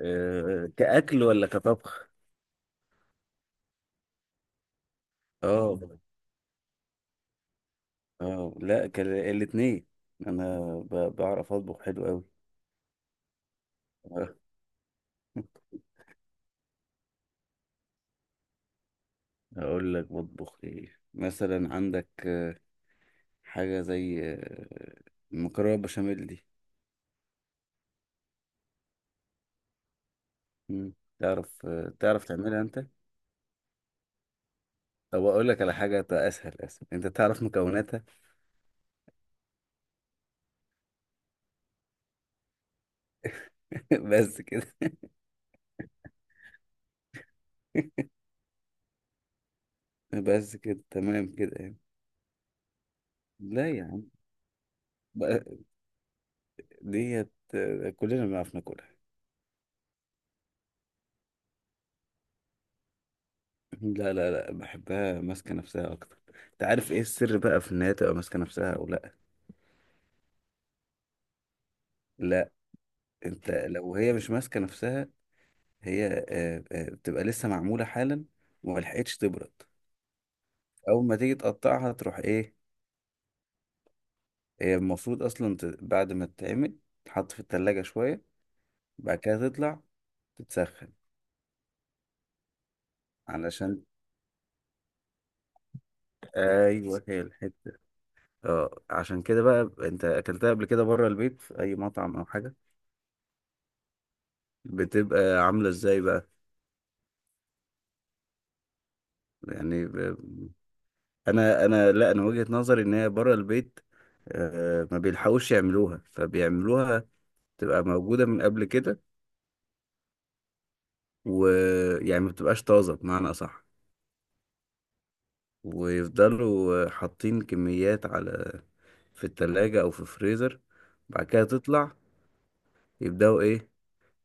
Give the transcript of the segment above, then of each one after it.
آه، كأكل ولا كطبخ؟ اه اه، لا كان الاتنين. انا بعرف اطبخ حلو قوي. آه، اقول لك بطبخ ايه. مثلا عندك حاجه زي المكرونه بشاميل دي. مم. تعرف، تعرف تعملها انت؟ طب اقول لك على حاجه اسهل. اسهل انت تعرف مكوناتها. بس كده. بس كده، تمام كده يعني. لا يا عم، بقى- ديت كلنا بنعرف ناكلها. لا لا لا، بحبها ماسكة نفسها أكتر. أنت عارف إيه السر بقى في إن هي تبقى ماسكة نفسها أو لأ؟ لا. أنت لو هي مش ماسكة نفسها، هي بتبقى لسه معمولة حالا وملحقتش تبرد. أول ما تيجي تقطعها تروح إيه. هي المفروض أصلا بعد ما تتعمل تتحط في التلاجة شوية، بعد كده تطلع تتسخن. علشان، أيوه هي الحتة. أه عشان كده بقى، أنت أكلتها قبل كده بره البيت في أي مطعم أو حاجة، بتبقى عاملة إزاي بقى؟ يعني انا، لا انا وجهة نظري ان هي بره البيت، ما بيلحقوش يعملوها فبيعملوها تبقى موجودة من قبل كده، ويعني ما بتبقاش طازة بمعنى أصح. ويفضلوا حاطين كميات على، في التلاجة أو في الفريزر، بعد كده تطلع يبدأوا إيه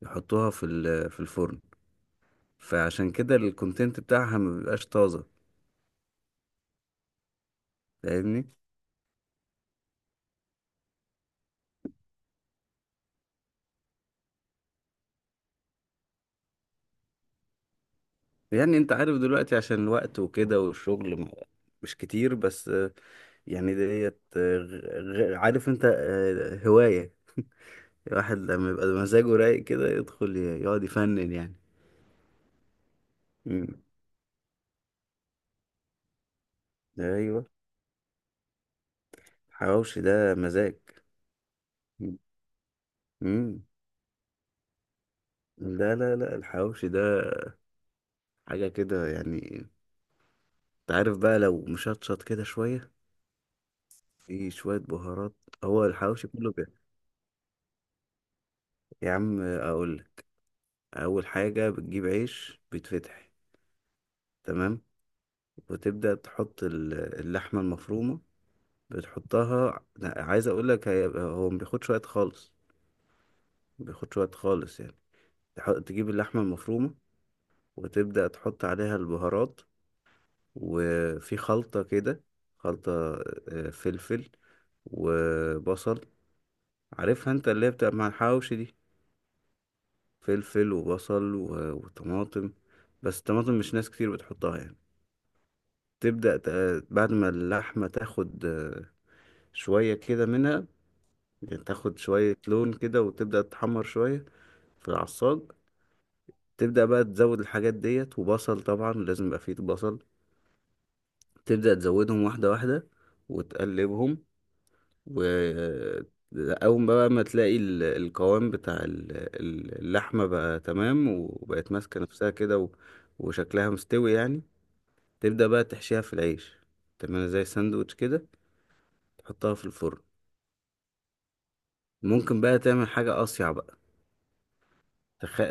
يحطوها في في الفرن. فعشان كده الكونتنت بتاعها ما بيبقاش طازة. فاهمني؟ يعني انت عارف دلوقتي عشان الوقت وكده والشغل مش كتير، بس يعني ديت عارف انت هواية الواحد لما يبقى مزاجه رايق كده يدخل يقعد يفنن يعني. مم. ايوه، الحواوشي ده مزاج. امم. لا لا لا، الحواوشي ده حاجة كده يعني. انت عارف بقى لو مشطشط كده شوية، في شوية بهارات، هو الحواوشي كله كده. يا عم اقول لك. اول حاجة بتجيب عيش بيتفتح، تمام، وتبدأ تحط اللحمة المفرومة. بتحطها لا، عايز اقول لك هو ما بياخدش وقت خالص. ما بياخدش وقت خالص يعني. تجيب اللحمة المفرومة وتبدأ تحط عليها البهارات، وفي خلطة كده، خلطة فلفل وبصل، عارفها انت اللي هي بتبقى مع الحواوشي دي، فلفل وبصل وطماطم. بس الطماطم مش ناس كتير بتحطها يعني. تبدأ بعد ما اللحمة تاخد شوية كده منها، يعني تاخد شوية لون كده وتبدأ تحمر شوية في العصاج. تبدأ بقى تزود الحاجات ديت، وبصل طبعا لازم يبقى فيه بصل، تبدأ تزودهم واحدة واحدة وتقلبهم، و أول بقى ما تلاقي القوام بتاع اللحمة بقى تمام وبقت ماسكة نفسها كده وشكلها مستوي يعني، تبدأ بقى تحشيها في العيش، تعملها زي ساندوتش كده، تحطها في الفرن. ممكن بقى تعمل حاجة أصيع بقى. تخ...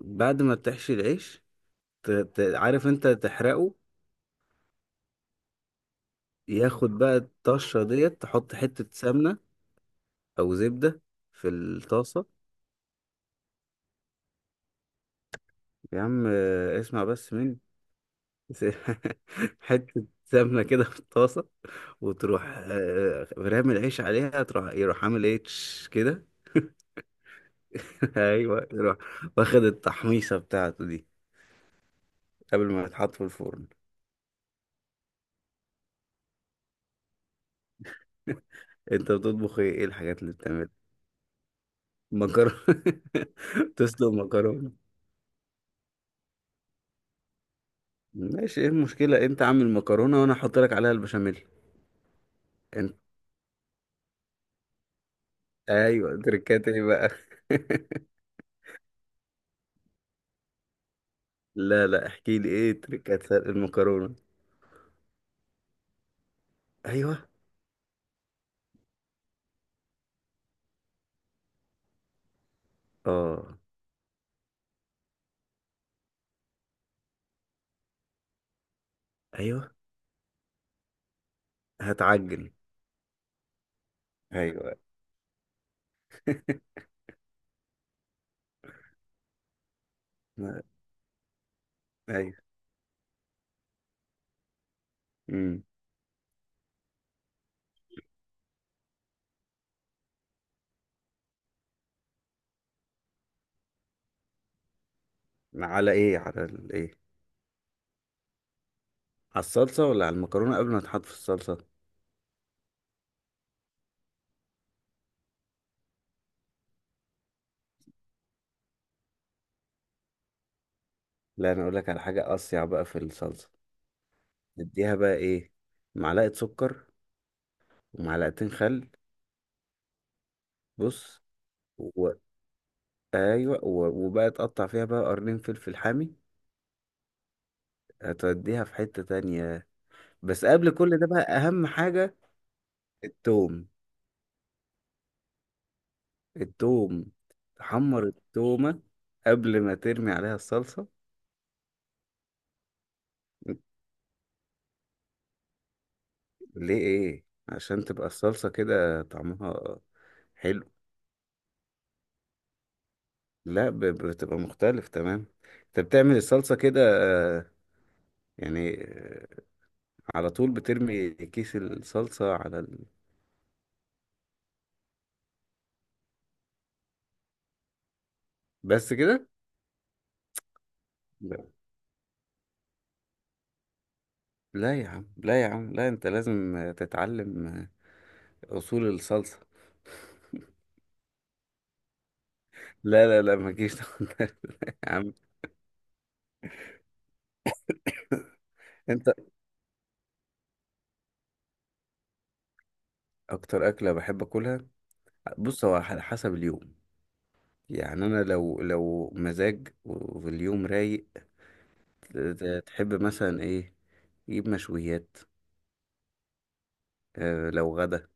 بعد ما بتحشي العيش، عارف انت تحرقه. ياخد بقى الطشة ديت، تحط حتة سمنة او زبدة في الطاسة. يا عم اسمع بس مني. حتة سمنة كده في الطاسة، وتروح رامي العيش عليها، تروح يروح عامل ايه تش كده. ايوه، يروح واخد التحميصة بتاعته دي قبل ما يتحط في الفرن. انت بتطبخ ايه؟ ايه الحاجات اللي بتعملها؟ مكرونة؟ تسلق مكرونة. ماشي، ايه المشكلة؟ انت عامل مكرونة وانا احط لك عليها البشاميل. انت؟ ايوه، تركات ايه بقى؟ لا لا، احكي لي ايه تركات سلق المكرونة. ايوه. اه. ايوه. هتعجن. ايوه. ما- ايوه. امم. على ايه؟ على الايه؟ على الصلصة ولا على المكرونة قبل ما تحط في الصلصة؟ لا انا اقول لك على حاجة اصيع بقى في الصلصة. اديها بقى ايه، معلقة سكر ومعلقتين خل. بص. و... ايوه. وبقى تقطع فيها بقى قرنين فلفل حامي. هتوديها في حتة تانية. بس قبل كل ده بقى أهم حاجة، التوم. التوم. تحمر التومة قبل ما ترمي عليها الصلصة. ليه إيه؟ عشان تبقى الصلصة كده طعمها حلو. لا، بتبقى مختلف تمام. أنت بتعمل الصلصة كده، آه، يعني آه، على طول بترمي كيس الصلصة على ال... بس كده؟ لا لا يا عم، لا يا عم، لا أنت لازم تتعلم أصول الصلصة. لا لا لا، ما تجيش تاخد ده. يا عم، انت. اكتر اكله بحب اكلها؟ بص، هو على حسب اليوم. يعني انا لو، لو مزاج واليوم رايق، تحب مثلا ايه، يجيب مشويات. اه لو غدا،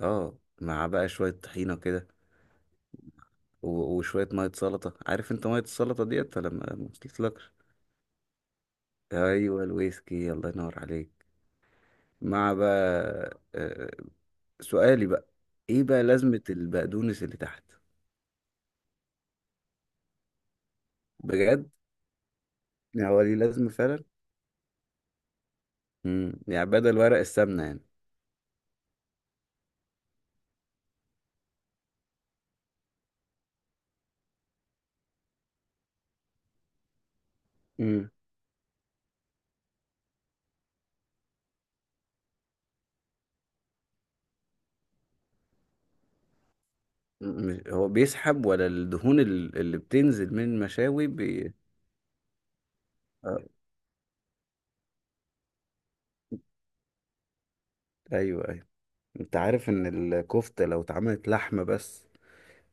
اه، مع بقى شويه طحينه كده وشويه ميه سلطه. عارف انت ميه السلطه ديت ولا ما وصلتلكش؟ ايوه الويسكي، الله ينور عليك. مع بقى، اه، سؤالي بقى، ايه بقى لازمه البقدونس اللي تحت؟ بجد؟ هو ليه لازمة فعلا؟ امم، يعني بدل ورق السمنة يعني. امم. مم. هو بيسحب ولا الدهون اللي بتنزل من المشاوي آه. ايوه ايوه. انت عارف ان الكفتة لو اتعملت لحمة بس،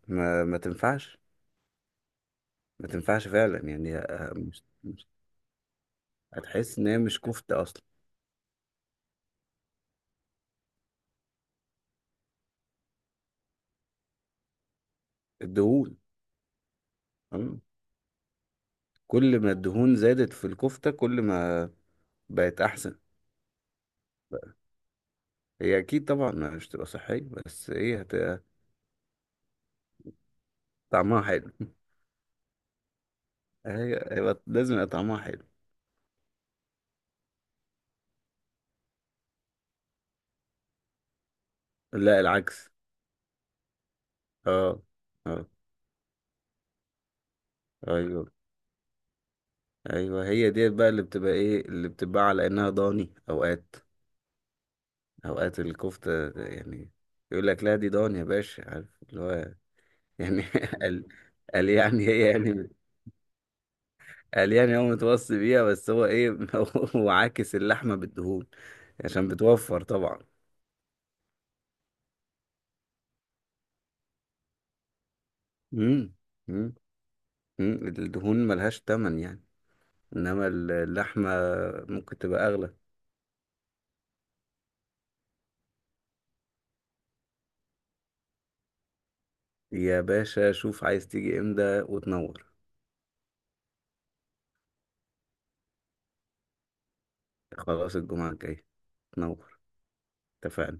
ما تنفعش. ما تنفعش فعلا يعني، مش... هتحس ان هي مش كفتة اصلا. الدهون. مم. كل ما الدهون زادت في الكفتة كل ما بقت احسن. هي اكيد طبعا مش تبقى صحية، بس ايه هت... طعمها حلو. هي هيبقى لازم يبقى طعمها حلو. لا العكس. اه. اه. ايوه. ايوه، هي ديت بقى اللي بتبقى ايه، اللي بتبقى على انها ضاني اوقات. اوقات الكفته يعني، يقول لك لا دي ضاني يا باشا، عارف اللي هو يعني. قال. قال يعني هي يعني، قال يعني هو متوصي بيها، بس هو ايه. هو عاكس اللحمه بالدهون عشان بتوفر طبعا. امم. امم. الدهون ملهاش تمن يعني، انما اللحمه ممكن تبقى اغلى. يا باشا شوف عايز تيجي امتى وتنور. خلاص، الجمعة الجاية. تنور. اتفقنا.